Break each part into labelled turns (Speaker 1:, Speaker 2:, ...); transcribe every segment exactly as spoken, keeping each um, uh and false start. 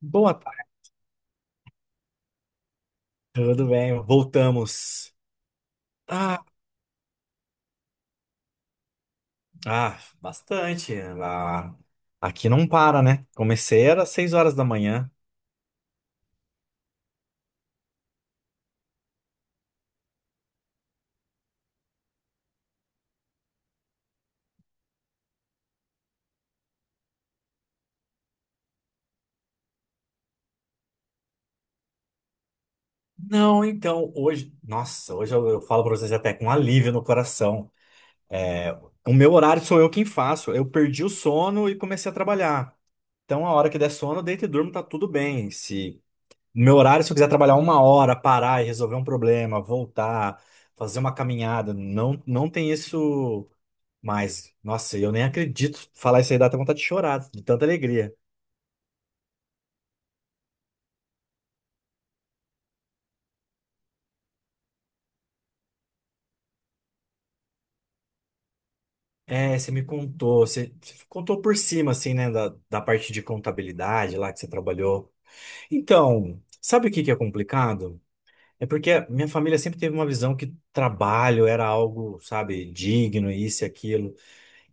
Speaker 1: Boa tarde, tudo bem? Voltamos. Ah, ah, bastante. Ah, aqui não para, né? Comecei era seis horas da manhã. Não, então, hoje, nossa, hoje eu, eu falo pra vocês até com alívio no coração. É, o meu horário sou eu quem faço. Eu perdi o sono e comecei a trabalhar. Então, a hora que der sono, eu deito e durmo, tá tudo bem. Se no meu horário, se eu quiser trabalhar uma hora, parar e resolver um problema, voltar, fazer uma caminhada, não, não tem isso. Mas, nossa, eu nem acredito. Falar isso aí dá até vontade de chorar, de tanta alegria. É, você me contou, você, você contou por cima, assim, né, da, da parte de contabilidade lá que você trabalhou. Então, sabe o que que é complicado? É porque a minha família sempre teve uma visão que trabalho era algo, sabe, digno, isso e aquilo.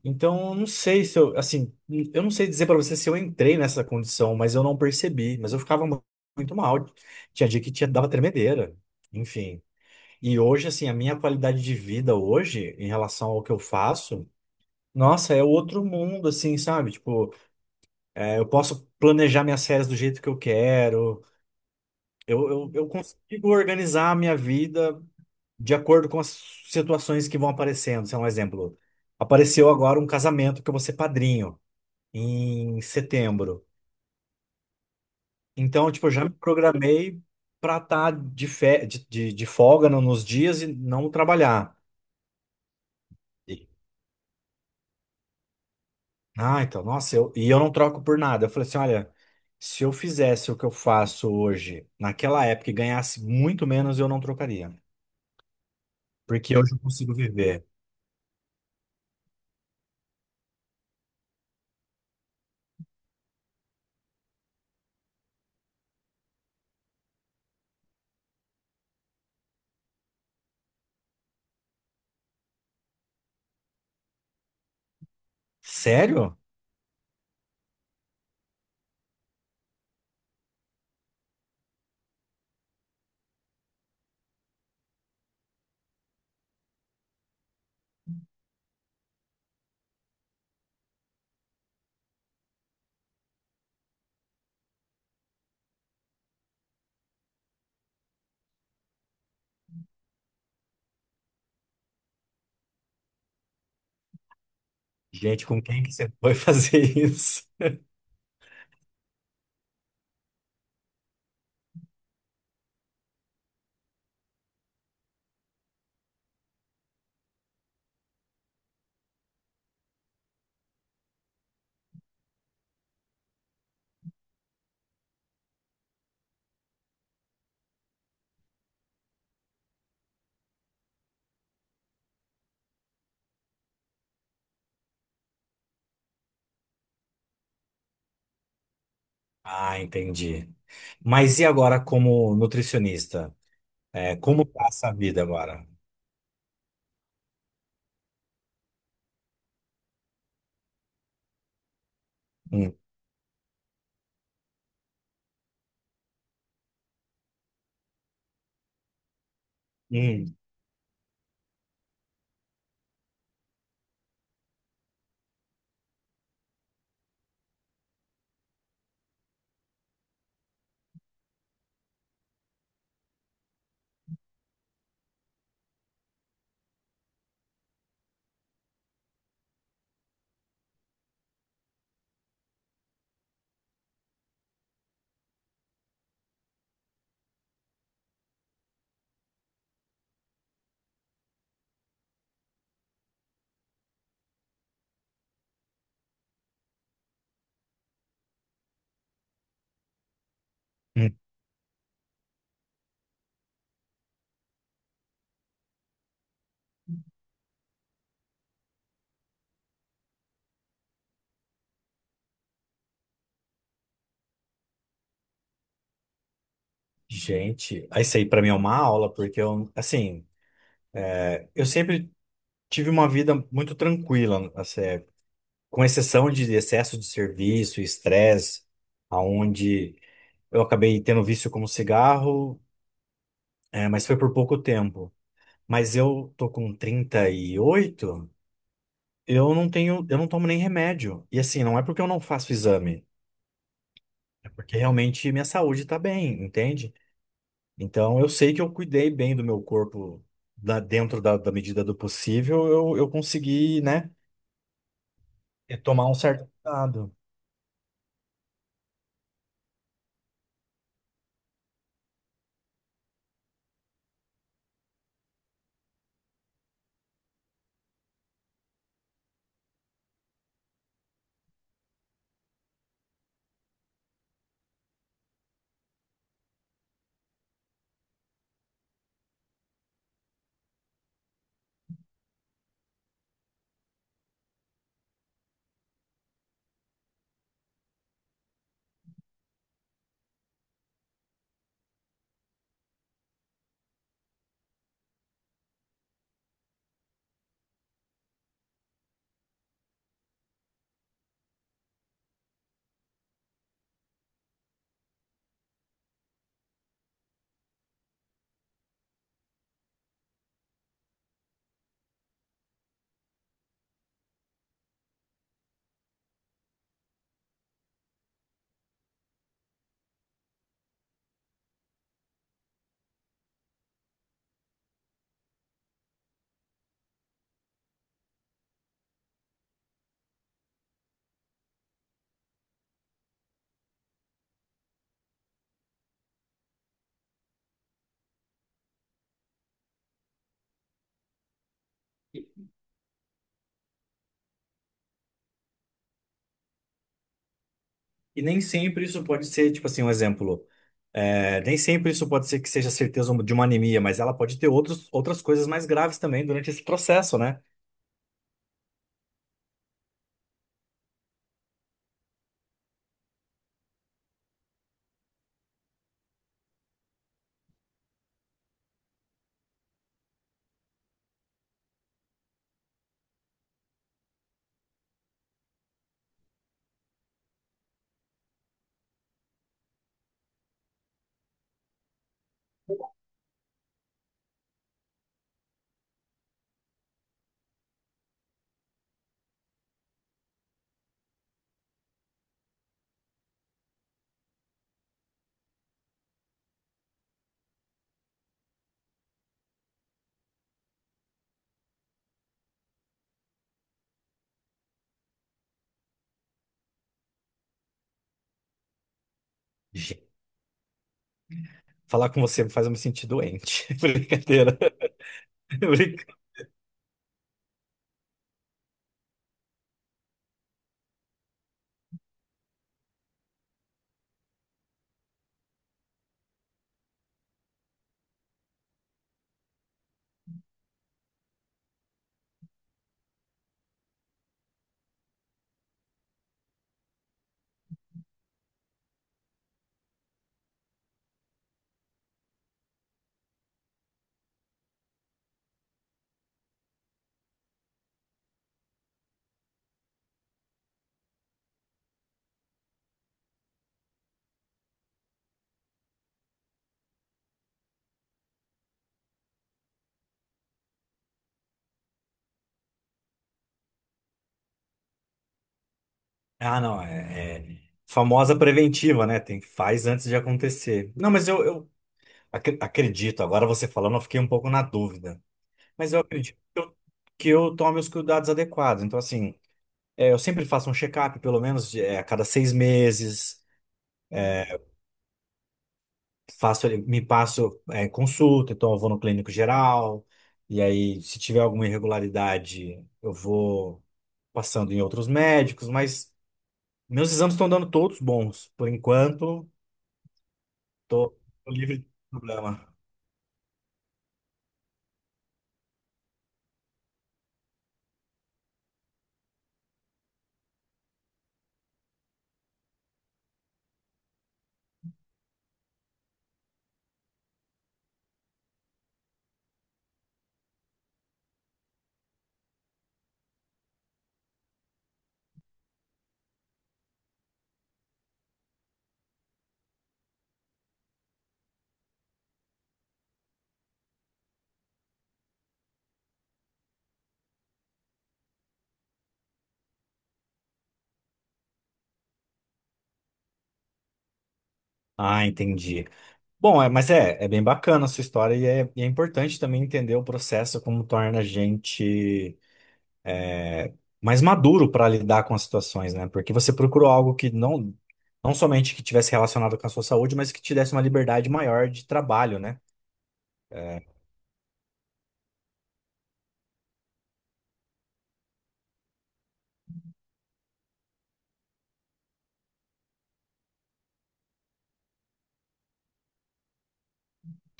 Speaker 1: Então, eu não sei se eu, assim, eu não sei dizer pra você se eu entrei nessa condição, mas eu não percebi. Mas eu ficava mu- muito mal. Tinha dia que tinha, dava tremedeira. Enfim. E hoje, assim, a minha qualidade de vida hoje, em relação ao que eu faço, nossa, é outro mundo, assim, sabe? Tipo, é, eu posso planejar minhas férias do jeito que eu quero, eu, eu, eu consigo organizar a minha vida de acordo com as situações que vão aparecendo. Sei lá, um exemplo, apareceu agora um casamento que eu vou ser padrinho, em setembro. Então, tipo, eu já me programei pra estar de, fe- de, de, de folga no- nos dias e não trabalhar. Ah, então, nossa, eu, e eu não troco por nada. Eu falei assim, olha, se eu fizesse o que eu faço hoje, naquela época, e ganhasse muito menos, eu não trocaria. Porque hoje eu consigo viver. Sério? Gente, com quem que você foi fazer isso? Ah, entendi. Mas e agora como nutricionista? É, como tá essa vida agora? Hum, hum, hum. Gente, isso aí pra mim é uma aula, porque eu, assim, eu sempre tive uma vida muito tranquila, assim, é, com exceção de excesso de serviço, estresse, aonde eu acabei tendo vício como cigarro, é, mas foi por pouco tempo. Mas eu tô com trinta e oito. Eu não tenho, eu não tomo nem remédio. E assim, não é porque eu não faço exame, é porque realmente minha saúde tá bem, entende? Então eu sei que eu cuidei bem do meu corpo da, dentro da, da medida do possível, eu, eu consegui, né, tomar um certo cuidado. E nem sempre isso pode ser, tipo assim, um exemplo. É, nem sempre isso pode ser que seja certeza um, de uma anemia, mas ela pode ter outros, outras coisas mais graves também durante esse processo, né? Ge- Falar com você faz eu me sentir doente. Brincadeira. Brinca- Ah, não. É, é famosa preventiva, né? Tem, faz antes de acontecer. Não, mas eu, eu acre- acredito. Agora você falando, eu fiquei um pouco na dúvida. Mas eu acredito que eu, que eu tome os cuidados adequados. Então, assim, é, eu sempre faço um check-up, pelo menos de- é, a cada seis meses. Faço, ali- me passo é, consulta, então eu vou no clínico geral, e aí se tiver alguma irregularidade, eu vou passando em outros médicos, mas meus exames estão dando todos bons. Por enquanto, tô, tô livre de problema. Ah, entendi. Bom, é, mas é, é bem bacana a sua história e é, e é importante também entender o processo, como torna a gente mais maduro para lidar com as situações, né? Porque você procurou algo que não, não somente que tivesse relacionado com a sua saúde, mas que te desse uma liberdade maior de trabalho, né?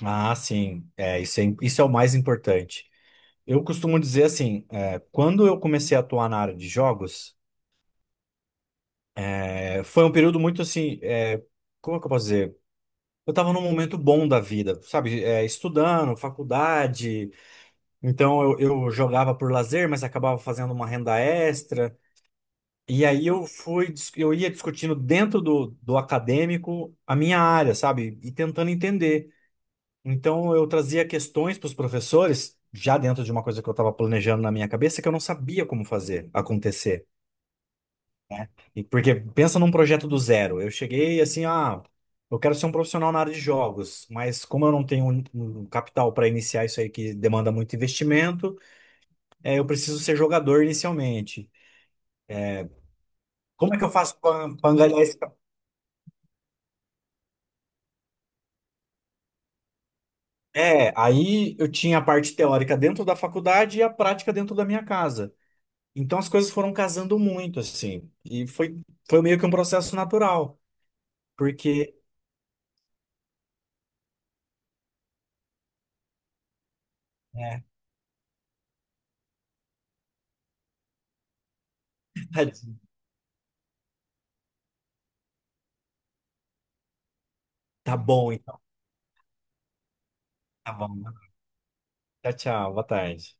Speaker 1: Ah, sim, é, isso é, isso é o mais importante. Eu costumo dizer assim, é, quando eu comecei a atuar na área de jogos, é, foi um período muito assim, é, como é que eu posso dizer? Eu estava num momento bom da vida, sabe? É, estudando, faculdade, então eu, eu jogava por lazer, mas acabava fazendo uma renda extra. E aí eu fui, dis- eu ia discutindo dentro do, do acadêmico a minha área, sabe? E tentando entender. Então eu trazia questões para os professores, já dentro de uma coisa que eu estava planejando na minha cabeça, que eu não sabia como fazer acontecer, né? E porque pensa num projeto do zero. Eu cheguei assim, ah, eu quero ser um profissional na área de jogos, mas como eu não tenho um, um capital para iniciar isso aí que demanda muito investimento, eh, eu preciso ser jogador inicialmente. Como é que eu faço para angariar esse. É, aí eu tinha a parte teórica dentro da faculdade e a prática dentro da minha casa. Então as coisas foram casando muito, assim. E foi, foi meio que um processo natural. Porque. É, tá bom, então tá bom. Tchau, tchau. Boa tarde.